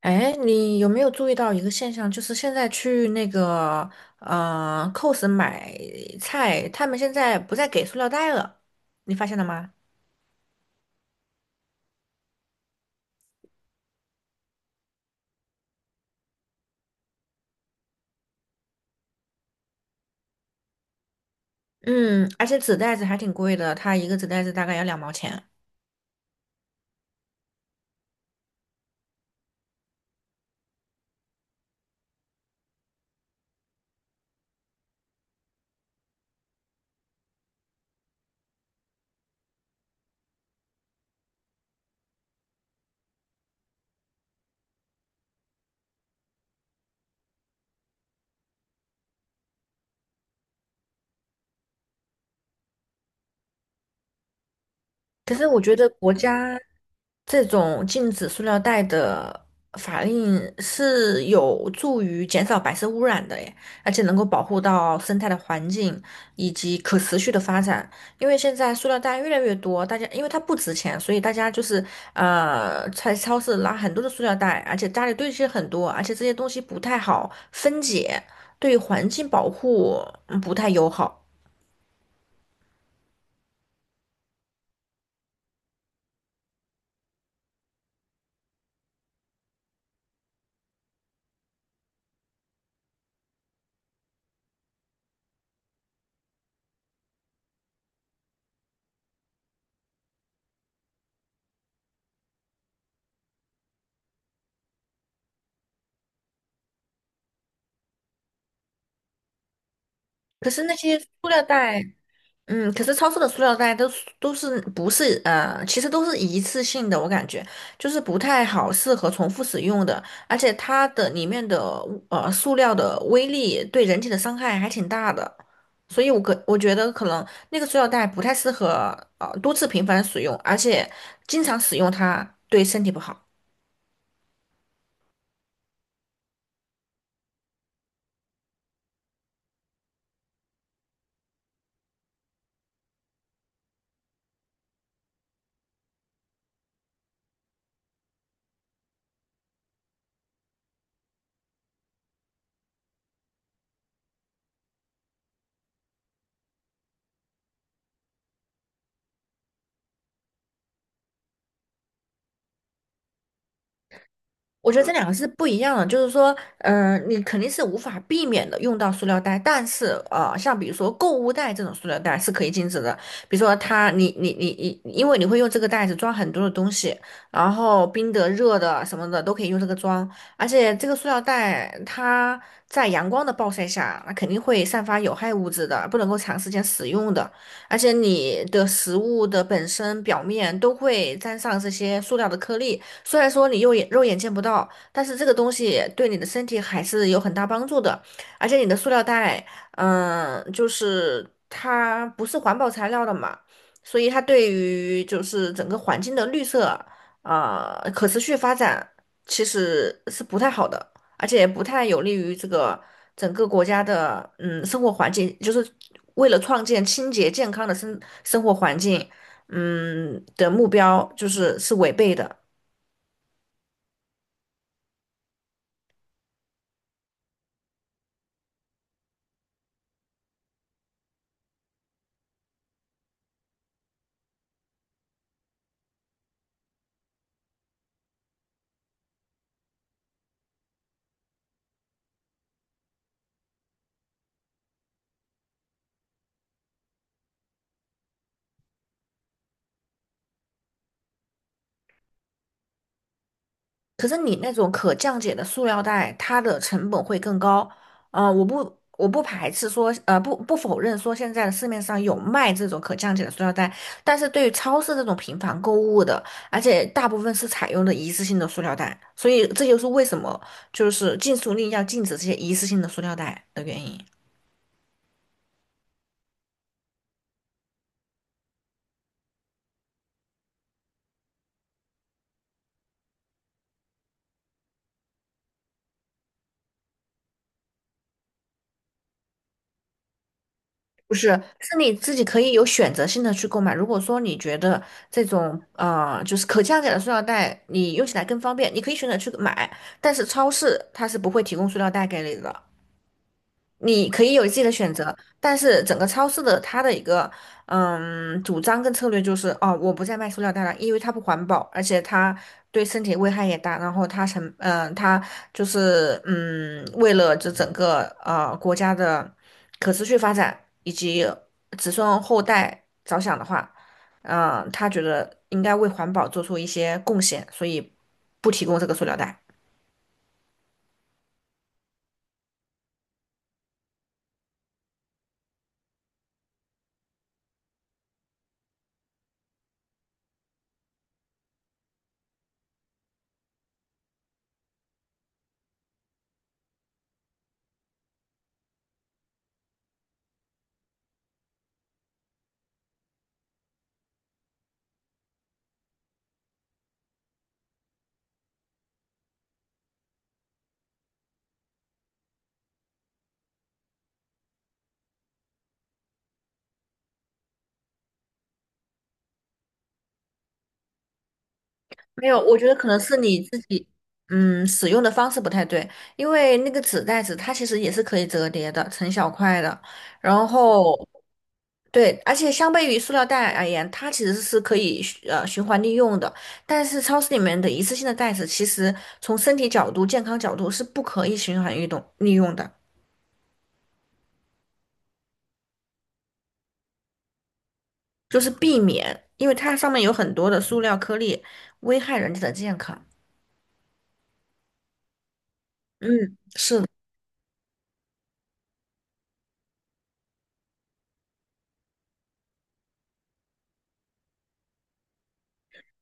哎，你有没有注意到一个现象？就是现在去那个COS 买菜，他们现在不再给塑料袋了，你发现了吗？嗯，而且纸袋子还挺贵的，它一个纸袋子大概要两毛钱。可是我觉得国家这种禁止塑料袋的法令是有助于减少白色污染的耶，而且能够保护到生态的环境以及可持续的发展。因为现在塑料袋越来越多，大家因为它不值钱，所以大家就是在超市拿很多的塑料袋，而且家里堆积很多，而且这些东西不太好分解，对环境保护嗯不太友好。可是那些塑料袋。嗯，可是超市的塑料袋都是不是，其实都是一次性的，我感觉就是不太好适合重复使用的，而且它的里面的塑料的威力对人体的伤害还挺大的，所以我觉得可能那个塑料袋不太适合多次频繁使用，而且经常使用它对身体不好。我觉得这两个是不一样的，就是说，嗯、你肯定是无法避免的用到塑料袋，但是，像比如说购物袋这种塑料袋是可以禁止的，比如说它，你，因为你会用这个袋子装很多的东西，然后冰的、热的什么的都可以用这个装，而且这个塑料袋它在阳光的暴晒下，那肯定会散发有害物质的，不能够长时间使用的，而且你的食物的本身表面都会沾上这些塑料的颗粒。虽然说你肉眼见不到，但是这个东西对你的身体还是有很大帮助的。而且你的塑料袋，嗯，就是它不是环保材料的嘛，所以它对于就是整个环境的绿色啊，可持续发展其实是不太好的，而且也不太有利于这个整个国家的嗯生活环境，就是为了创建清洁健康的生活环境，嗯的目标，就是是违背的。可是你那种可降解的塑料袋，它的成本会更高。啊，我不排斥说，不否认说现在的市面上有卖这种可降解的塑料袋，但是对于超市这种频繁购物的，而且大部分是采用的一次性的塑料袋，所以这就是为什么就是禁塑令要禁止这些一次性的塑料袋的原因。不是，是你自己可以有选择性的去购买。如果说你觉得这种就是可降解的塑料袋，你用起来更方便，你可以选择去买。但是超市它是不会提供塑料袋给你的。你可以有自己的选择，但是整个超市的它的一个嗯主张跟策略就是，哦，我不再卖塑料袋了，因为它不环保，而且它对身体危害也大。然后它就是嗯，为了这整个国家的可持续发展以及子孙后代着想的话，嗯、他觉得应该为环保做出一些贡献，所以不提供这个塑料袋。没有，我觉得可能是你自己，嗯，使用的方式不太对，因为那个纸袋子它其实也是可以折叠的，成小块的。然后，对，而且相对于塑料袋而言，它其实是可以循环利用的。但是超市里面的一次性的袋子，其实从身体角度、健康角度是不可以循环运动利用的，就是避免，因为它上面有很多的塑料颗粒，危害人体的健康。嗯，是的。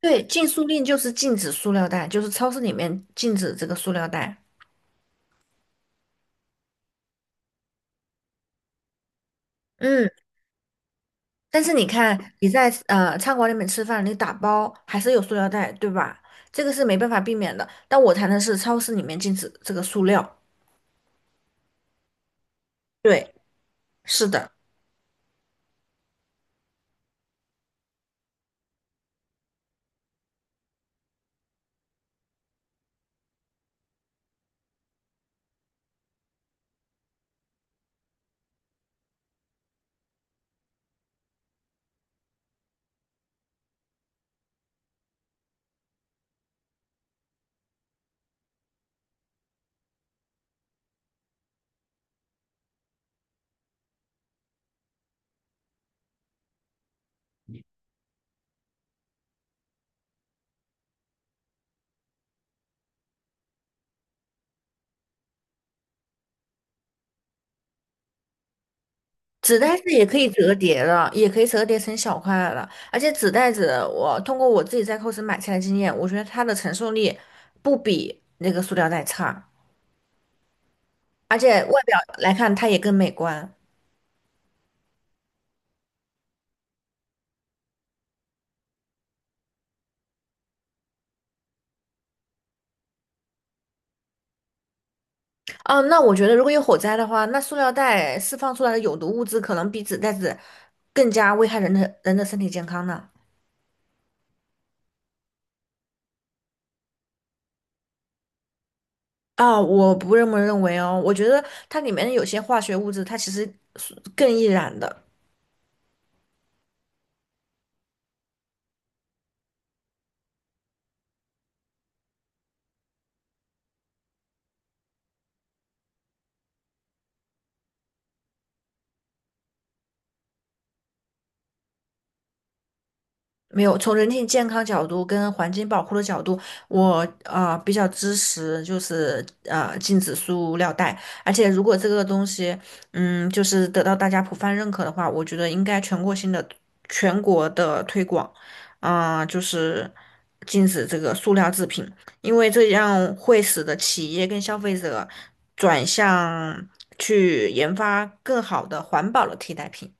对，禁塑令就是禁止塑料袋，就是超市里面禁止这个塑料袋。嗯，但是你看你在餐馆里面吃饭，你打包还是有塑料袋，对吧？这个是没办法避免的。但我谈的是超市里面禁止这个塑料。对，是的，纸袋子也可以折叠的，也可以折叠成小块了。而且纸袋子，我通过我自己在 c o 买菜的经验，我觉得它的承受力不比那个塑料袋差，而且外表来看它也更美观。啊，那我觉得如果有火灾的话，那塑料袋释放出来的有毒物质可能比纸袋子更加危害人的身体健康呢。啊，我不这么认为哦，我觉得它里面的有些化学物质，它其实是更易燃的。没有，从人体健康角度跟环境保护的角度，我比较支持，就是禁止塑料袋。而且如果这个东西，嗯，就是得到大家普泛认可的话，我觉得应该全国性的、全国的推广，啊、就是禁止这个塑料制品，因为这样会使得企业跟消费者转向去研发更好的环保的替代品，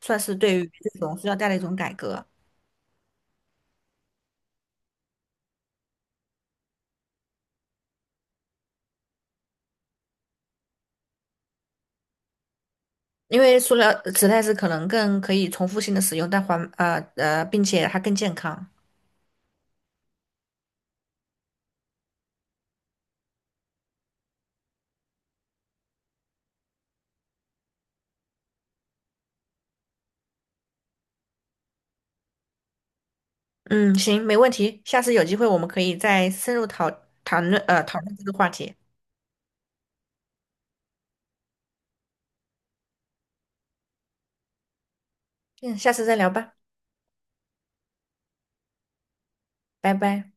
算是对于这种塑料袋的一种改革。因为塑料纸袋子可能更可以重复性的使用，并且它更健康。嗯，行，没问题。下次有机会我们可以再深入讨论这个话题。嗯，下次再聊吧，拜拜。